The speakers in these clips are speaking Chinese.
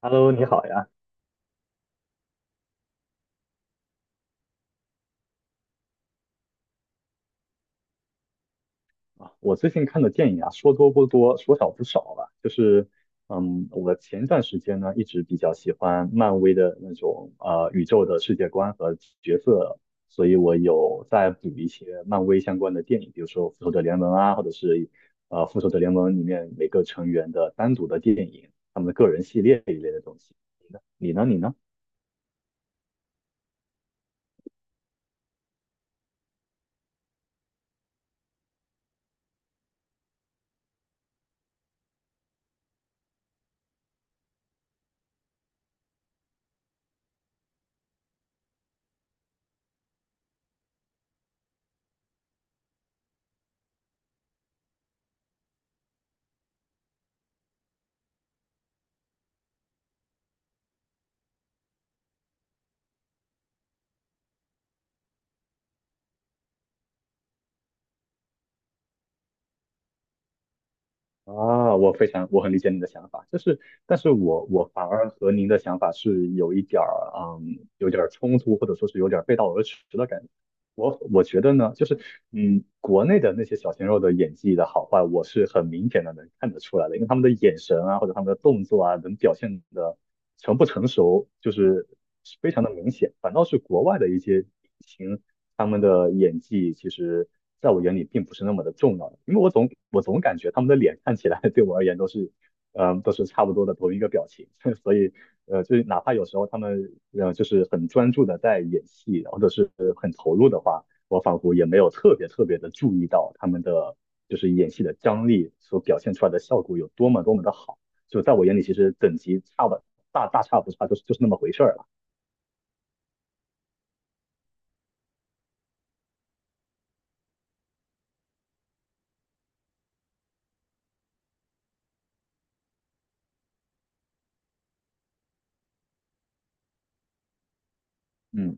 Hello，你好呀！啊，我最近看的电影啊，说多不多，说少不少吧。就是，嗯，我前段时间呢，一直比较喜欢漫威的那种宇宙的世界观和角色，所以我有在补一些漫威相关的电影，比如说《复仇者联盟》啊，或者是《复仇者联盟》里面每个成员的单独的电影，他们的个人系列一类的东西。你呢？你呢？你呢？啊，我非常，我很理解你的想法，就是，但是我反而和您的想法是有一点儿，嗯，有点儿冲突，或者说是有点儿背道而驰的感觉。我觉得呢，就是国内的那些小鲜肉的演技的好坏，我是很明显的能看得出来的，因为他们的眼神啊，或者他们的动作啊，能表现的成不成熟，就是是非常的明显。反倒是国外的一些明星，他们的演技其实在我眼里并不是那么的重要的，因为我总感觉他们的脸看起来 对我而言都是，嗯、都是差不多的同一个表情，所以就是哪怕有时候他们就是很专注的在演戏，或者是很投入的话，我仿佛也没有特别特别的注意到他们的就是演戏的张力所表现出来的效果有多么多么的好。就在我眼里，其实等级差不大大差不差，就是就是那么回事儿了。嗯。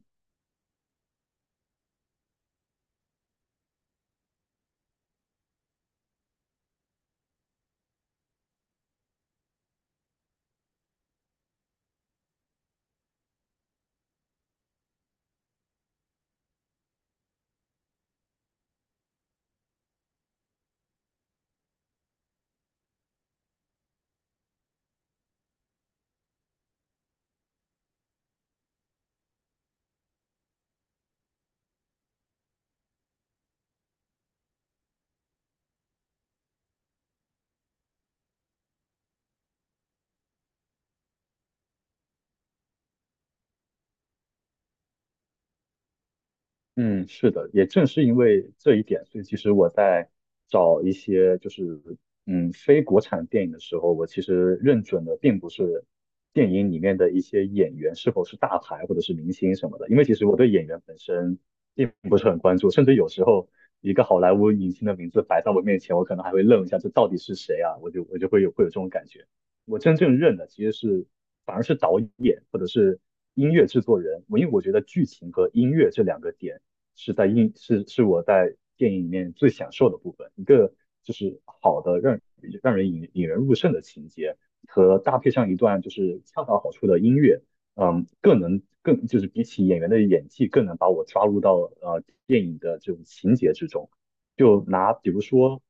嗯，是的，也正是因为这一点，所以其实我在找一些就是非国产电影的时候，我其实认准的并不是电影里面的一些演员是否是大牌或者是明星什么的，因为其实我对演员本身并不是很关注，甚至有时候一个好莱坞影星的名字摆在我面前，我可能还会愣一下，这到底是谁啊？我就会有这种感觉。我真正认的其实是反而是导演或者是音乐制作人，我因为我觉得剧情和音乐这两个点。是在映是是我在电影里面最享受的部分，一个就是好的让人引人入胜的情节，和搭配上一段就是恰到好处的音乐，嗯，更能更就是比起演员的演技，更能把我抓入到电影的这种情节之中。就拿比如说，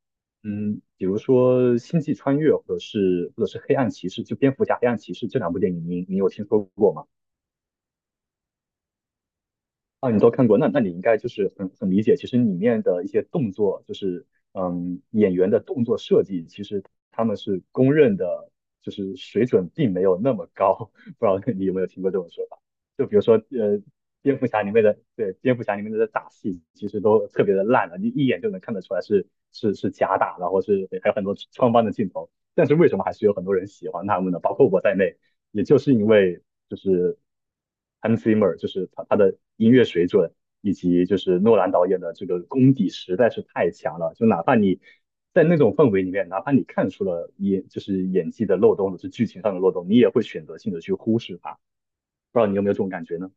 嗯，比如说《星际穿越》或者是或者是《黑暗骑士》，就蝙蝠侠、黑暗骑士这两部电影，你有听说过吗？啊，你都看过，那那你应该就是很很理解，其实里面的一些动作，就是嗯，演员的动作设计，其实他们是公认的，就是水准并没有那么高。不知道你有没有听过这种说法？就比如说，蝙蝠侠里面的，对，蝙蝠侠里面的打戏，其实都特别的烂了，你一眼就能看得出来是假打，然后是还有很多穿帮的镜头。但是为什么还是有很多人喜欢他们呢？包括我在内，也就是因为就是 Hans Zimmer，就是他的音乐水准，以及就是诺兰导演的这个功底实在是太强了。就哪怕你在那种氛围里面，哪怕你看出了就是演技的漏洞，或者是剧情上的漏洞，你也会选择性的去忽视它。不知道你有没有这种感觉呢？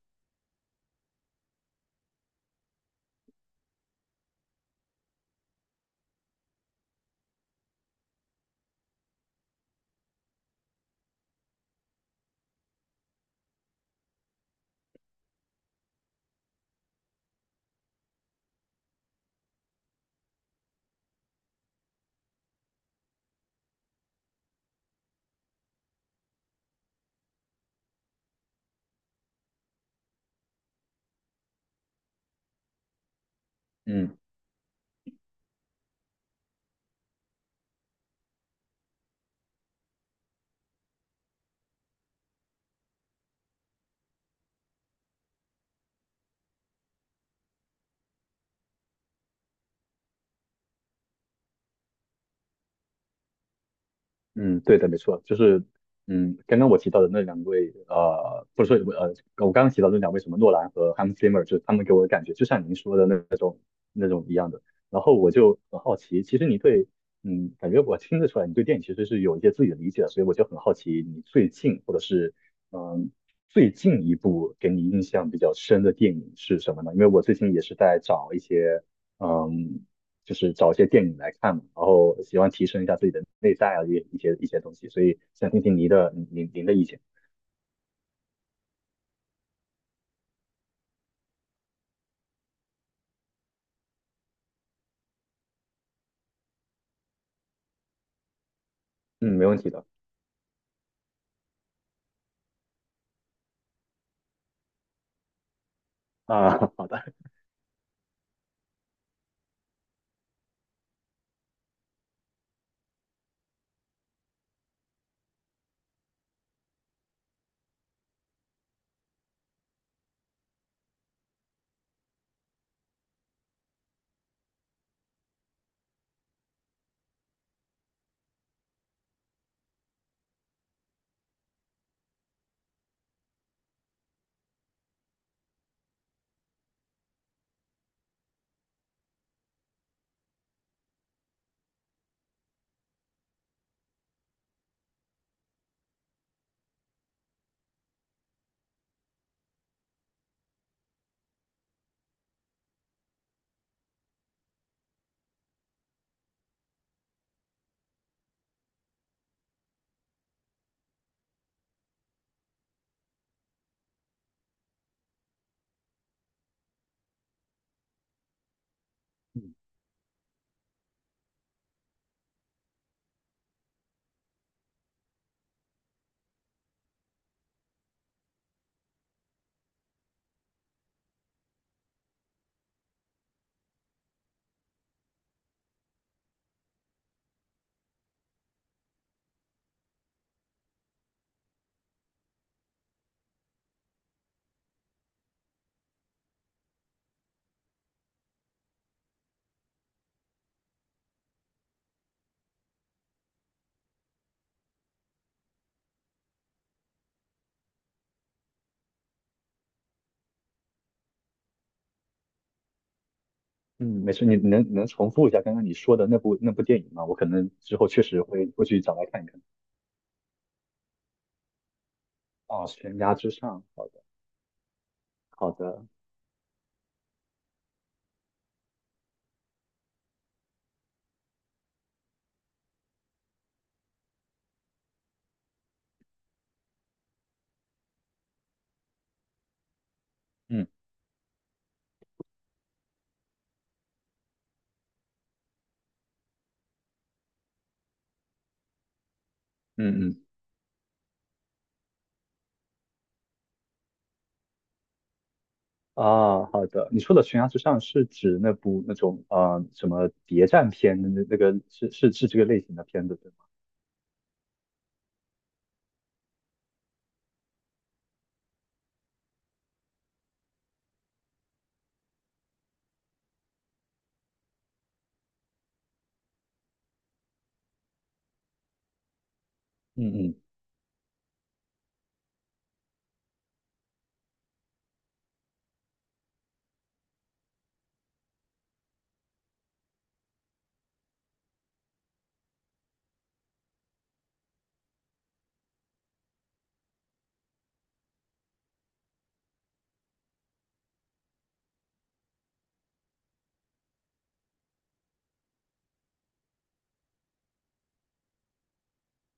嗯，嗯，对的，没错，就是嗯，刚刚我提到的那两位，不是说我刚刚提到的那两位什么诺兰和 Hans Zimmer，就是他们给我的感觉就像您说的那那种一样的。然后我就很好奇，其实你对，嗯，感觉我听得出来，你对电影其实是有一些自己的理解的，所以我就很好奇，你最近或者是嗯最近一部给你印象比较深的电影是什么呢？因为我最近也是在找一些。嗯就是找一些电影来看嘛，然后喜欢提升一下自己的内在啊，一些东西，所以想听听您的意见。嗯，没问题的。啊，好的。嗯嗯，没事，你能重复一下刚刚你说的那部电影吗？我可能之后确实会去找来看一看。哦，悬崖之上，好的好的。嗯嗯嗯。啊，好的。你说的悬崖之上是指那部那种什么谍战片的那那个是这个类型的片子对吗？嗯嗯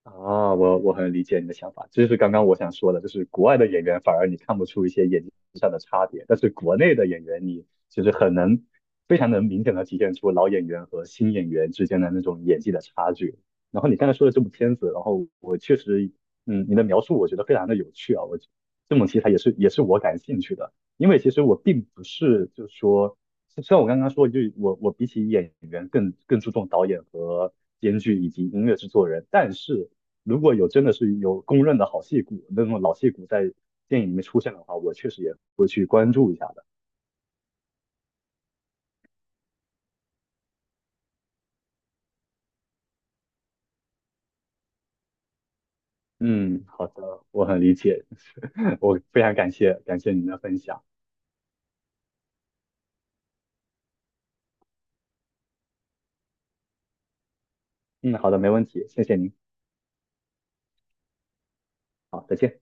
啊，我我很理解你的想法，这就是刚刚我想说的，就是国外的演员反而你看不出一些演技上的差别，但是国内的演员你就是很能非常能明显的体现出老演员和新演员之间的那种演技的差距。然后你刚才说的这部片子，然后我确实，嗯，你的描述我觉得非常的有趣啊，我这种题材也是我感兴趣的，因为其实我并不是就是说。虽然我刚刚说，就我比起演员更注重导演和编剧以及音乐制作人，但是如果有真的是有公认的好戏骨，那种老戏骨在电影里面出现的话，我确实也会去关注一下的。嗯，好的，我很理解，我非常感谢您的分享。嗯，好的，没问题，谢谢您，好，再见。